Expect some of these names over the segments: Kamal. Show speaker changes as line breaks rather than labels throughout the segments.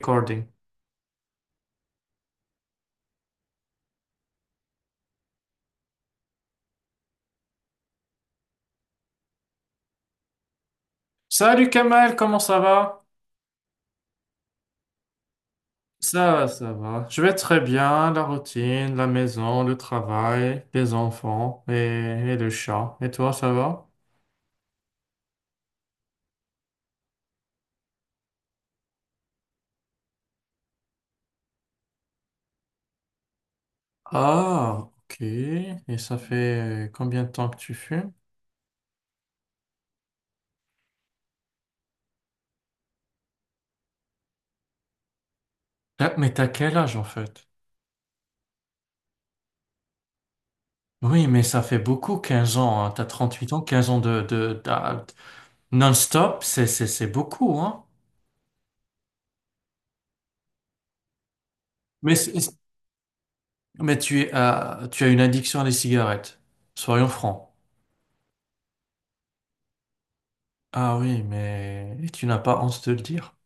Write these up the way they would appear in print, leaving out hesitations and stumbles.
Recording. Salut Kamal, comment ça va? Ça va, ça va. Je vais très bien. La routine, la maison, le travail, les enfants et le chat. Et toi, ça va? Ah, ok. Et ça fait combien de temps que tu fumes? Ah, mais t'as quel âge en fait? Oui, mais ça fait beaucoup, 15 ans, hein. T'as 8 ans, 15 ans non-stop, c'est beaucoup, hein? Mais, c'est- mais tu es, tu as une addiction à les cigarettes. Soyons francs. Ah oui, mais tu n'as pas honte de le dire.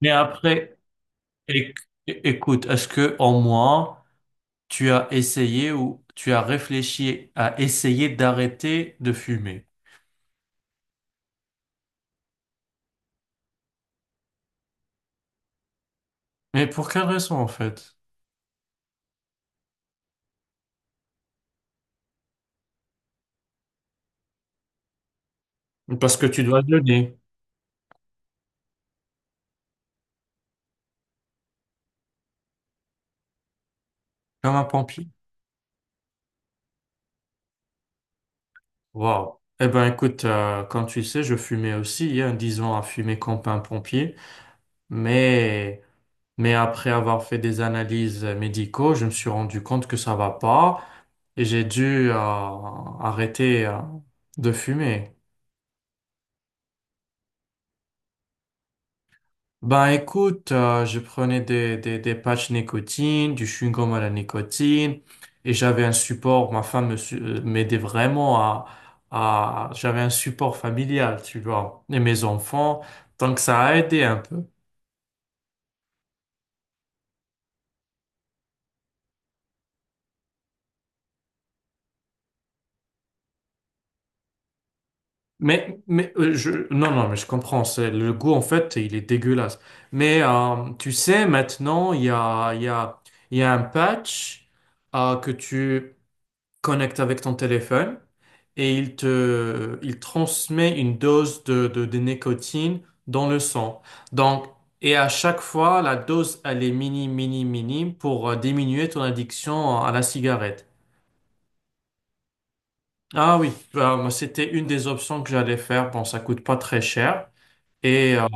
Mais après, éc- écoute, est-ce que en moi, tu as essayé ou tu as réfléchi à essayer d'arrêter de fumer? Mais pour quelle raison en fait? Parce que tu dois jeûner, comme un pompier. Waouh. Eh ben écoute, comme tu sais, je fumais aussi, hein, disons à fumer comme un pompier, mais mais après avoir fait des analyses médicaux, je me suis rendu compte que ça va pas. Et j'ai dû arrêter de fumer. Ben écoute, je prenais des patchs nicotine, du chewing-gum à la nicotine, et j'avais un support, ma femme m'aidait vraiment à j'avais un support familial, tu vois, et mes enfants, donc ça a aidé un peu. Non, non, mais je comprends, c'est, le goût en fait, il est dégueulasse. Mais tu sais, maintenant, il y a un patch que tu connecte avec ton téléphone et il transmet une dose de nicotine dans le sang. Donc, et à chaque fois, la dose, elle est minime, minime, minime pour diminuer ton addiction à la cigarette. Ah oui, bah, moi, c'était une des options que j'allais faire. Bon, ça coûte pas très cher. Et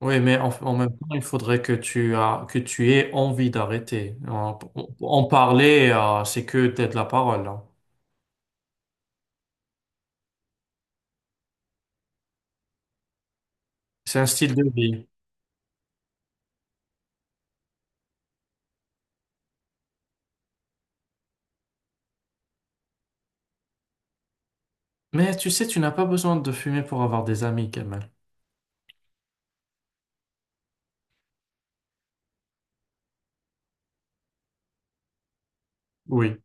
oui, mais en, en même temps, il faudrait que tu as, que tu aies envie d'arrêter. En, en parler, c'est que t'as de la parole, hein. C'est un style de vie. Mais tu sais, tu n'as pas besoin de fumer pour avoir des amis, Kamel. Oui.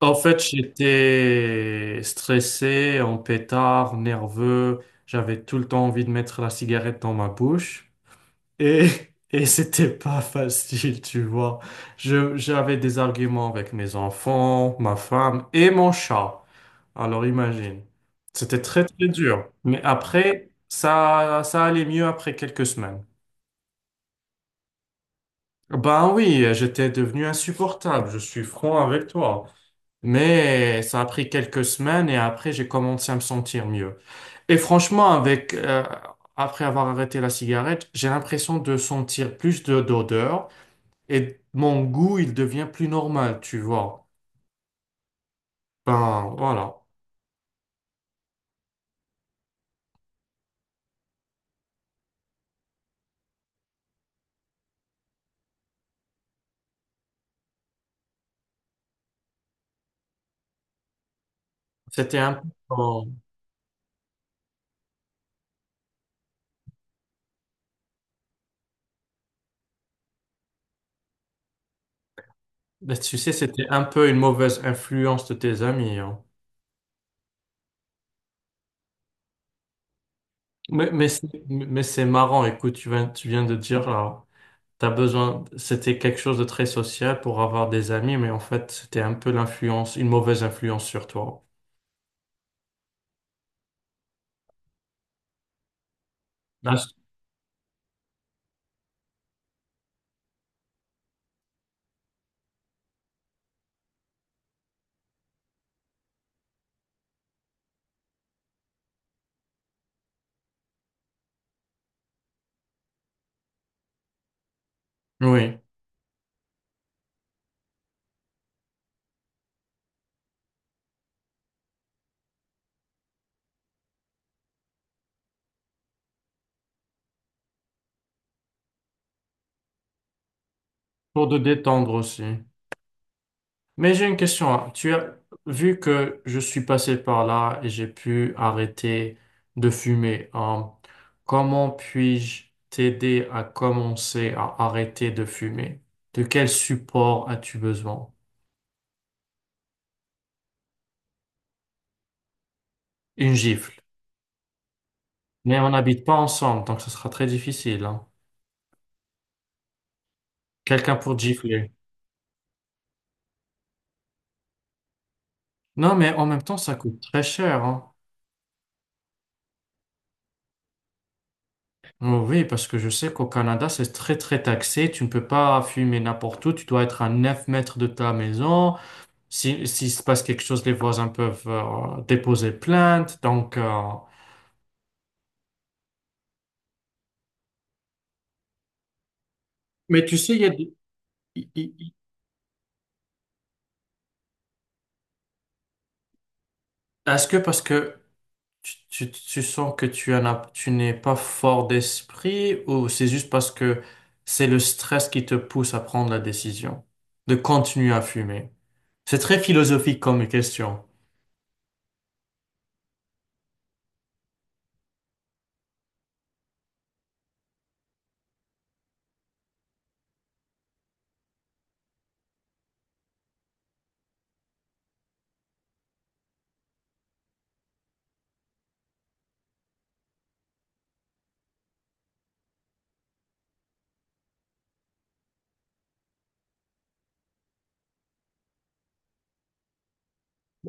En fait, j'étais stressé, en pétard, nerveux. J'avais tout le temps envie de mettre la cigarette dans ma bouche. Et et c'était pas facile, tu vois. J'avais des arguments avec mes enfants, ma femme et mon chat. Alors imagine. C'était très, très dur. Mais après, ça allait mieux après quelques semaines. Ben oui, j'étais devenu insupportable, je suis franc avec toi. Mais ça a pris quelques semaines et après j'ai commencé à me sentir mieux. Et franchement, avec après avoir arrêté la cigarette, j'ai l'impression de sentir plus de d'odeur et mon goût, il devient plus normal, tu vois. Ben voilà. C'était un peu, tu sais, c'était un peu une mauvaise influence de tes amis, hein. Mais c'est marrant, écoute, tu viens de dire là. T'as besoin, c'était quelque chose de très social pour avoir des amis, mais en fait, c'était un peu l'influence, une mauvaise influence sur toi. Ah, c- Oui, pour te détendre aussi. Mais j'ai une question, hein. Tu as vu que je suis passé par là et j'ai pu arrêter de fumer, hein. Comment puis-je t'aider à commencer à arrêter de fumer? De quel support as-tu besoin? Une gifle. Mais on n'habite pas ensemble, donc ce sera très difficile, hein. Quelqu'un pour te gifler. Non, mais en même temps, ça coûte très cher, hein. Oh oui, parce que je sais qu'au Canada, c'est très, très taxé. Tu ne peux pas fumer n'importe où. Tu dois être à 9 mètres de ta maison. Si, s'il se passe quelque chose, les voisins peuvent déposer plainte. Donc, mais tu sais, il y a des- il- est-ce que parce que tu sens que tu n'es pas fort d'esprit ou c'est juste parce que c'est le stress qui te pousse à prendre la décision de continuer à fumer? C'est très philosophique comme question.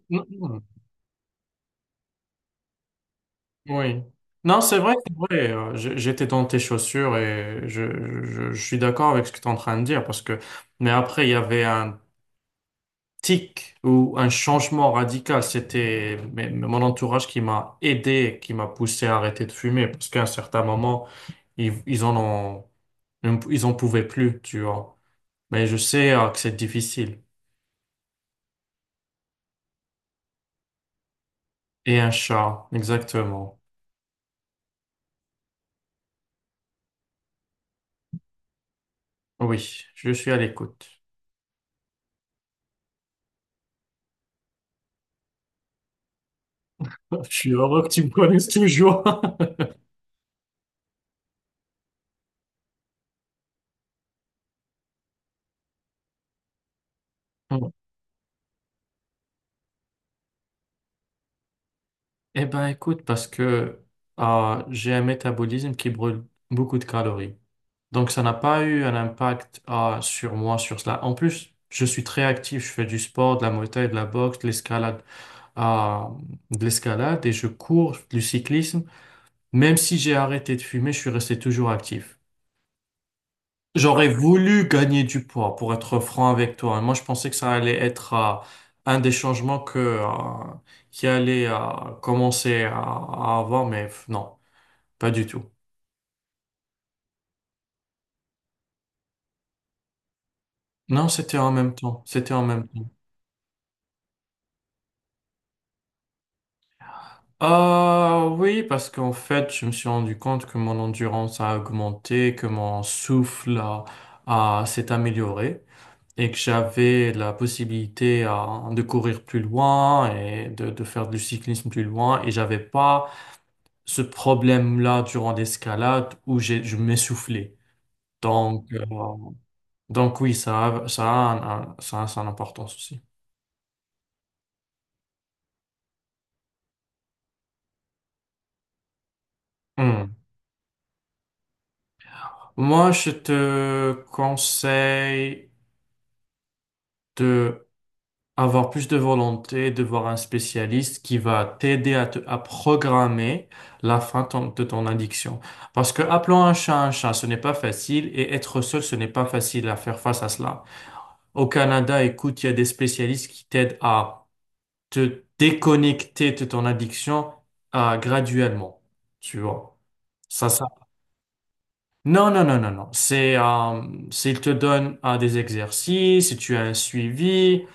Mm, mm. Oui. Non, c'est vrai, c'est vrai. J'étais dans tes chaussures et je suis d'accord avec ce que tu es en train de dire parce que, mais après, il y avait un tic ou un changement radical. Mais mon entourage qui m'a aidé, qui m'a poussé à arrêter de fumer parce qu'à un certain moment, ils en ont, ils en pouvaient plus, tu vois. Mais je sais, que c'est difficile. Et un chat, exactement. Oui, je suis à l'écoute. Je suis heureux que tu me connaisses toujours. Eh ben, écoute, parce que j'ai un métabolisme qui brûle beaucoup de calories. Donc, ça n'a pas eu un impact sur moi, sur cela. En plus, je suis très actif. Je fais du sport, de la Muay Thai, de la boxe, de l'escalade, euh, et je cours, du cyclisme. Même si j'ai arrêté de fumer, je suis resté toujours actif. J'aurais voulu gagner du poids, pour être franc avec toi, hein. Moi, je pensais que ça allait être un des changements qui allait commencer à avoir, mais non. Pas du tout. Non, c'était en même temps. C'était en même temps. Ah oui, parce qu'en fait, je me suis rendu compte que mon endurance a augmenté, que mon souffle a, s'est amélioré et que j'avais la possibilité de courir plus loin et de faire du cyclisme plus loin et j'avais pas ce problème-là durant l'escalade où je m'essoufflais. Donc, euh, donc oui, ça a ça a son importance aussi. Hmm. Moi, je te conseille de avoir plus de volonté, de voir un spécialiste qui va t'aider à, à programmer la fin de ton addiction. Parce que appelant un chat, ce n'est pas facile et être seul, ce n'est pas facile à faire face à cela. Au Canada, écoute, il y a des spécialistes qui t'aident à te déconnecter de ton addiction, graduellement. Tu vois. Ça, non, non, non, non, non. C'est, il te donne des exercices, et tu as un suivi,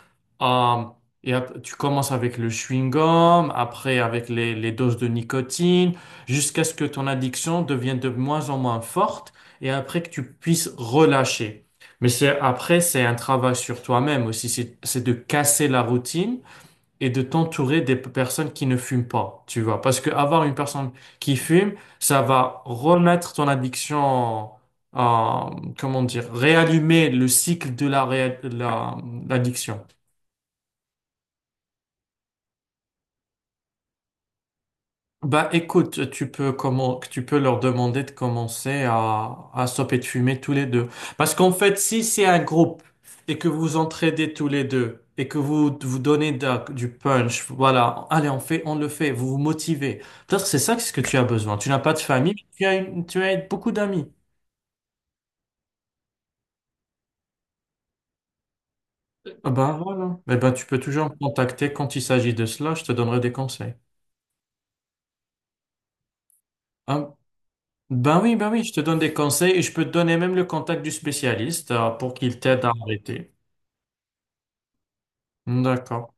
euh, tu commences avec le chewing-gum, après avec les doses de nicotine, jusqu'à ce que ton addiction devienne de moins en moins forte, et après que tu puisses relâcher. Mais c'est, après, c'est un travail sur toi-même aussi, c'est de casser la routine et de t'entourer des personnes qui ne fument pas, tu vois. Parce que avoir une personne qui fume, ça va remettre ton addiction, en- comment dire, réallumer le cycle de la, l'addiction. Bah écoute, tu peux comment tu peux leur demander de commencer à stopper de fumer tous les deux. Parce qu'en fait, si c'est un groupe et que vous entraidez tous les deux et que vous vous donnez du punch, voilà, allez, on le fait, vous vous motivez. Peut-être que c'est ça que ce que tu as besoin. Tu n'as pas de famille, mais tu as beaucoup d'amis. Ah ben voilà. Eh ben tu peux toujours me contacter quand il s'agit de cela, je te donnerai des conseils. Ah, ben oui, je te donne des conseils et je peux te donner même le contact du spécialiste pour qu'il t'aide à arrêter. D'accord.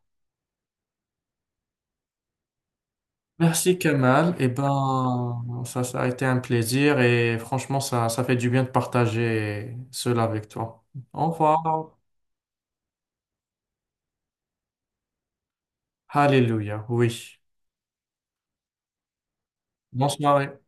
Merci Kamal. Eh ben, ça a été un plaisir et franchement, ça fait du bien de partager cela avec toi. Au revoir. Alléluia. Oui. Bonne soirée.